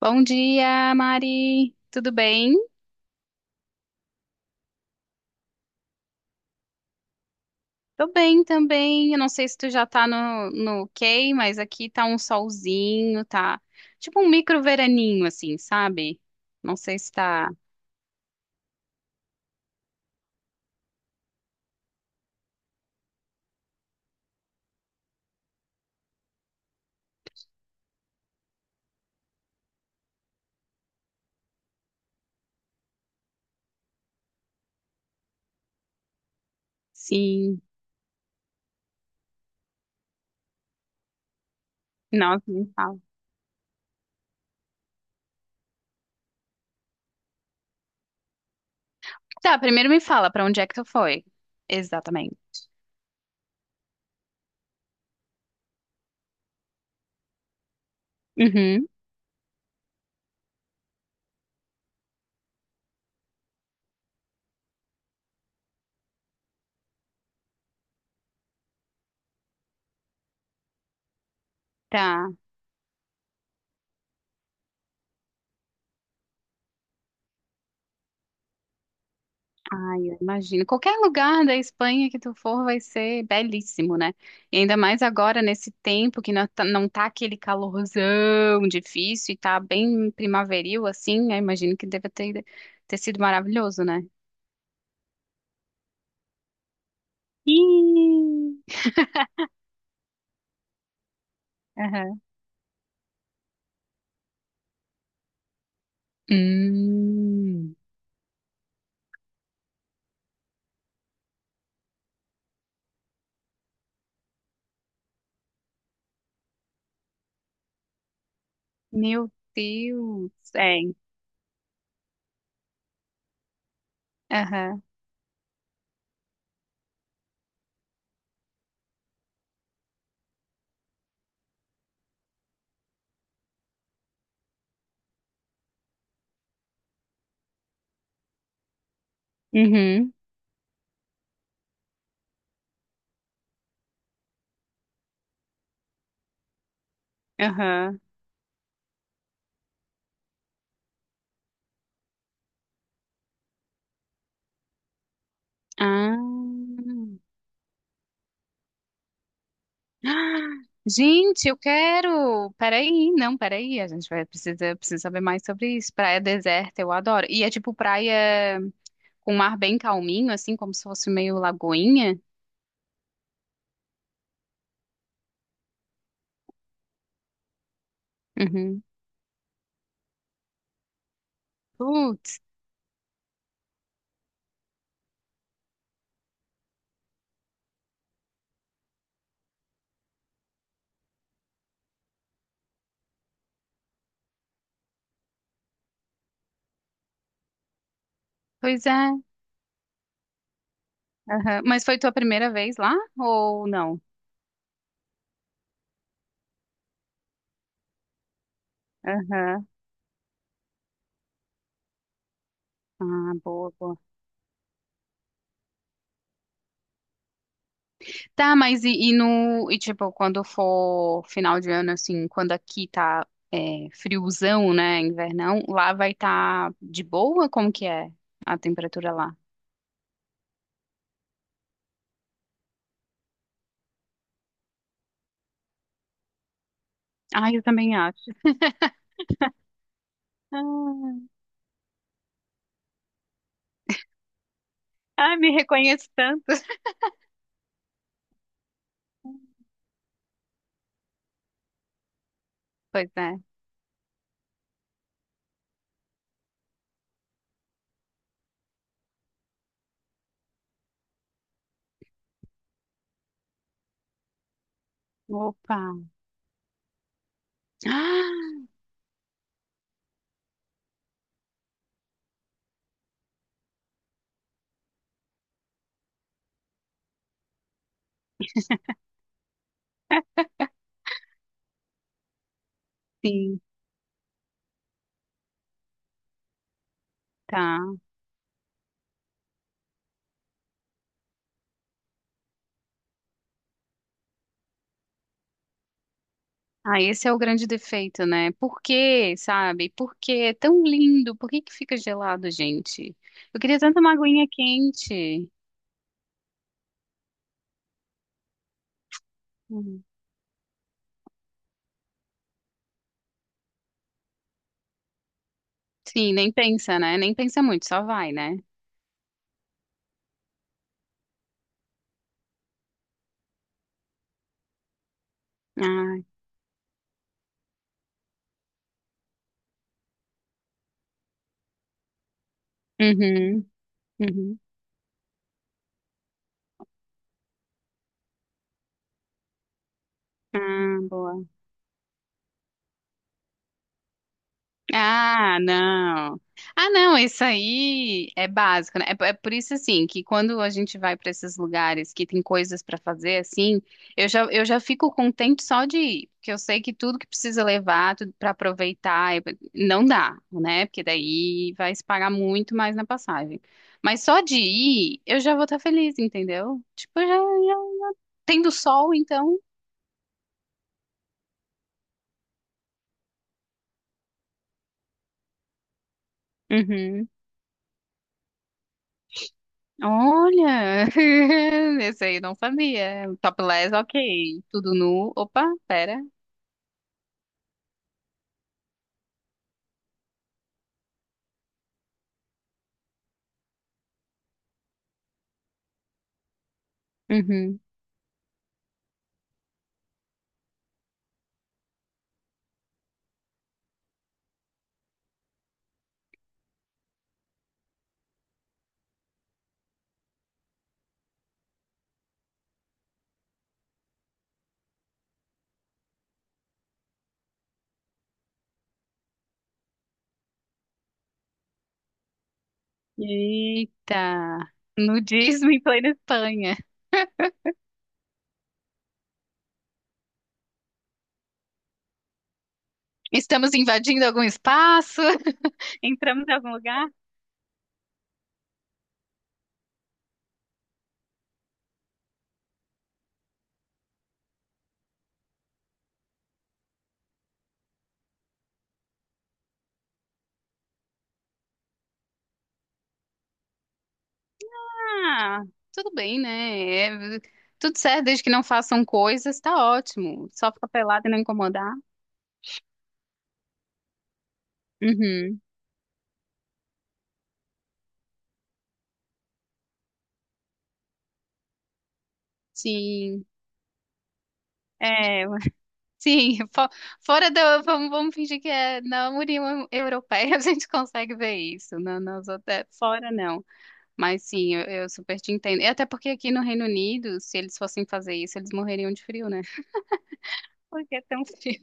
Bom dia, Mari. Tudo bem? Tô bem também. Eu não sei se tu já tá no ok, mas aqui tá um solzinho, tá tipo um micro veraninho, assim, sabe? Não sei se tá. Sim. Nossa, me fala. Tá, primeiro me fala pra onde é que tu foi. Exatamente. Uhum, tá. Ai, eu imagino. Qualquer lugar da Espanha que tu for vai ser belíssimo, né? E ainda mais agora, nesse tempo que não tá aquele calorzão difícil e tá bem primaveril, assim, eu imagino que ter sido maravilhoso, né? Ih! Aham. Hum, meu Deus. É. Aham. Uhum. Aham. Ah. Gente, eu quero. Peraí, não, peraí. A gente vai precisa saber mais sobre isso. Praia deserta, eu adoro. E é tipo praia com mar bem calminho, assim, como se fosse meio lagoinha. Uhum. Putz, pois é. Aham. Mas foi tua primeira vez lá ou não? Aham. Ah, boa, boa. Tá, mas e no. E tipo, quando for final de ano, assim, quando aqui tá friozão, né? Invernão, lá vai estar tá de boa? Como que é a temperatura lá? Ah, eu também acho. Ah, ai, me reconheço tanto. Pois é. Opa. Ah, sim, tá. Ah, esse é o grande defeito, né? Por quê, sabe? Por que é tão lindo? Por que que fica gelado, gente? Eu queria tanto uma aguinha quente. Sim, nem pensa, né? Nem pensa muito, só vai, né? Ah, uhum, uhum. Ah, boa. Ah, não. Ah, não, isso aí é básico, né? É, é por isso, assim, que quando a gente vai para esses lugares que tem coisas para fazer, assim, eu já fico contente só de ir, porque eu sei que tudo que precisa levar, tudo para aproveitar, é- não dá, né? Porque daí vai se pagar muito mais na passagem. Mas só de ir, eu já vou estar feliz, entendeu? Tipo, já, já. Tendo sol, então? Uhum. Olha, esse aí eu não sabia. Topless, ok. Tudo nu. Opa, pera. Uhum. Eita. Nudismo em plena Espanha. Estamos invadindo algum espaço? Entramos em algum lugar? Ah, tudo bem, né? É, tudo certo, desde que não façam coisas, tá ótimo. Só ficar pelado e não incomodar. Uhum. Sim. É, Sim, fo- fora da. Vamos, vamos fingir que é na União Europeia a gente consegue ver isso. Na, nas outras, fora não. Mas sim, eu super te entendo. E até porque aqui no Reino Unido, se eles fossem fazer isso, eles morreriam de frio, né? Porque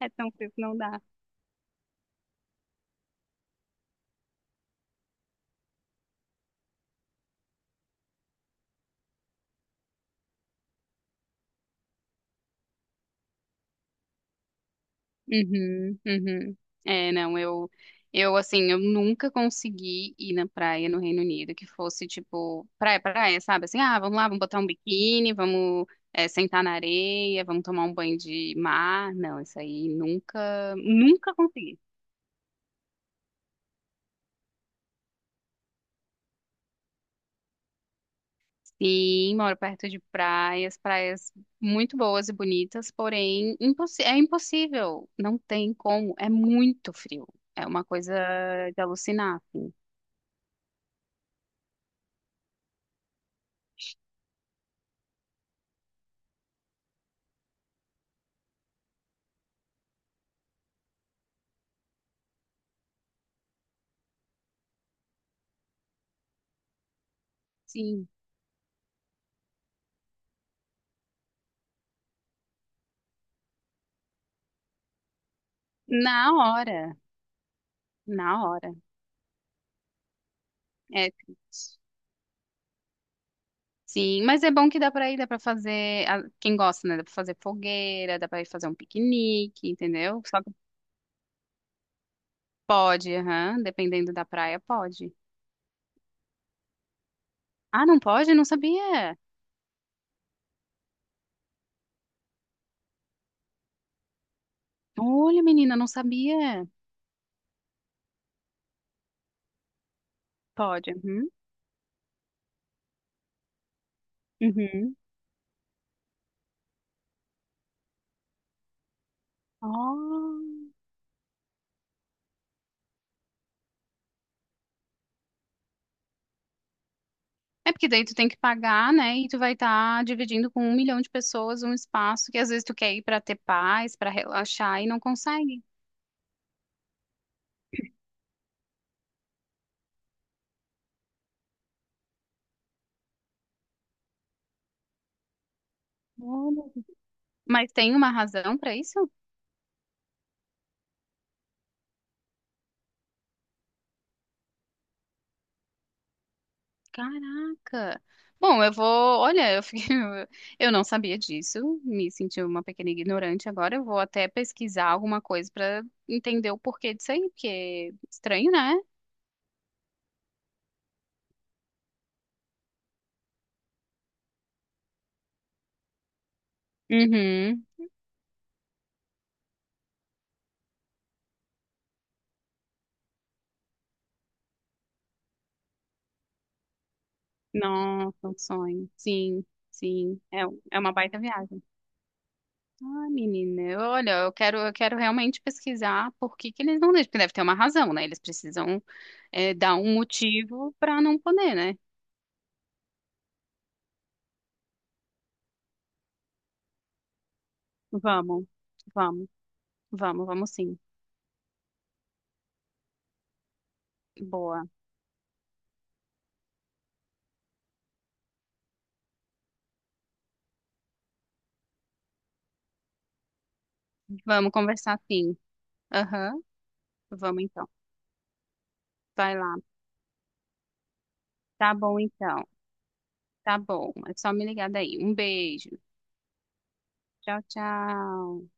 é tão frio que não dá. Uhum, uhum. É, não, assim, eu nunca consegui ir na praia no Reino Unido que fosse, tipo, praia, praia, sabe? Assim, ah, vamos lá, vamos botar um biquíni, vamos, sentar na areia, vamos tomar um banho de mar. Não, isso aí nunca, nunca consegui. Sim, moro perto de praias, praias muito boas e bonitas, porém, impossi é impossível, não tem como, é muito frio. É uma coisa de alucinar, assim. Sim, na hora. Na hora. É triste. Sim, mas é bom que dá pra ir, dá pra fazer. A- Quem gosta, né? Dá pra fazer fogueira, dá pra ir fazer um piquenique, entendeu? Só que pode, aham. Dependendo da praia, pode. Ah, não pode? Não sabia. Olha, menina, não sabia. Pode, uhum. Uhum. Ó. É porque daí tu tem que pagar, né? E tu vai estar dividindo com um milhão de pessoas um espaço que às vezes tu quer ir pra ter paz, pra relaxar e não consegue. Olha. Mas tem uma razão pra isso? Caraca! Bom, eu vou. Olha, eu fiquei... eu não sabia disso, me senti uma pequena ignorante agora. Eu vou até pesquisar alguma coisa pra entender o porquê disso aí, porque estranho, né? Uhum. Nossa, um sonho. Sim, sim. É, um- é uma baita viagem. Ah, menina, eu- olha, eu quero realmente pesquisar por que que eles não deixam, porque deve ter uma razão, né? Eles precisam, dar um motivo pra não poder, né? Vamos, vamos, vamos, vamos sim. Boa. Vamos conversar sim. Aham, vamos então. Vai lá. Tá bom então. Tá bom. É só me ligar daí. Um beijo. Tchau, tchau.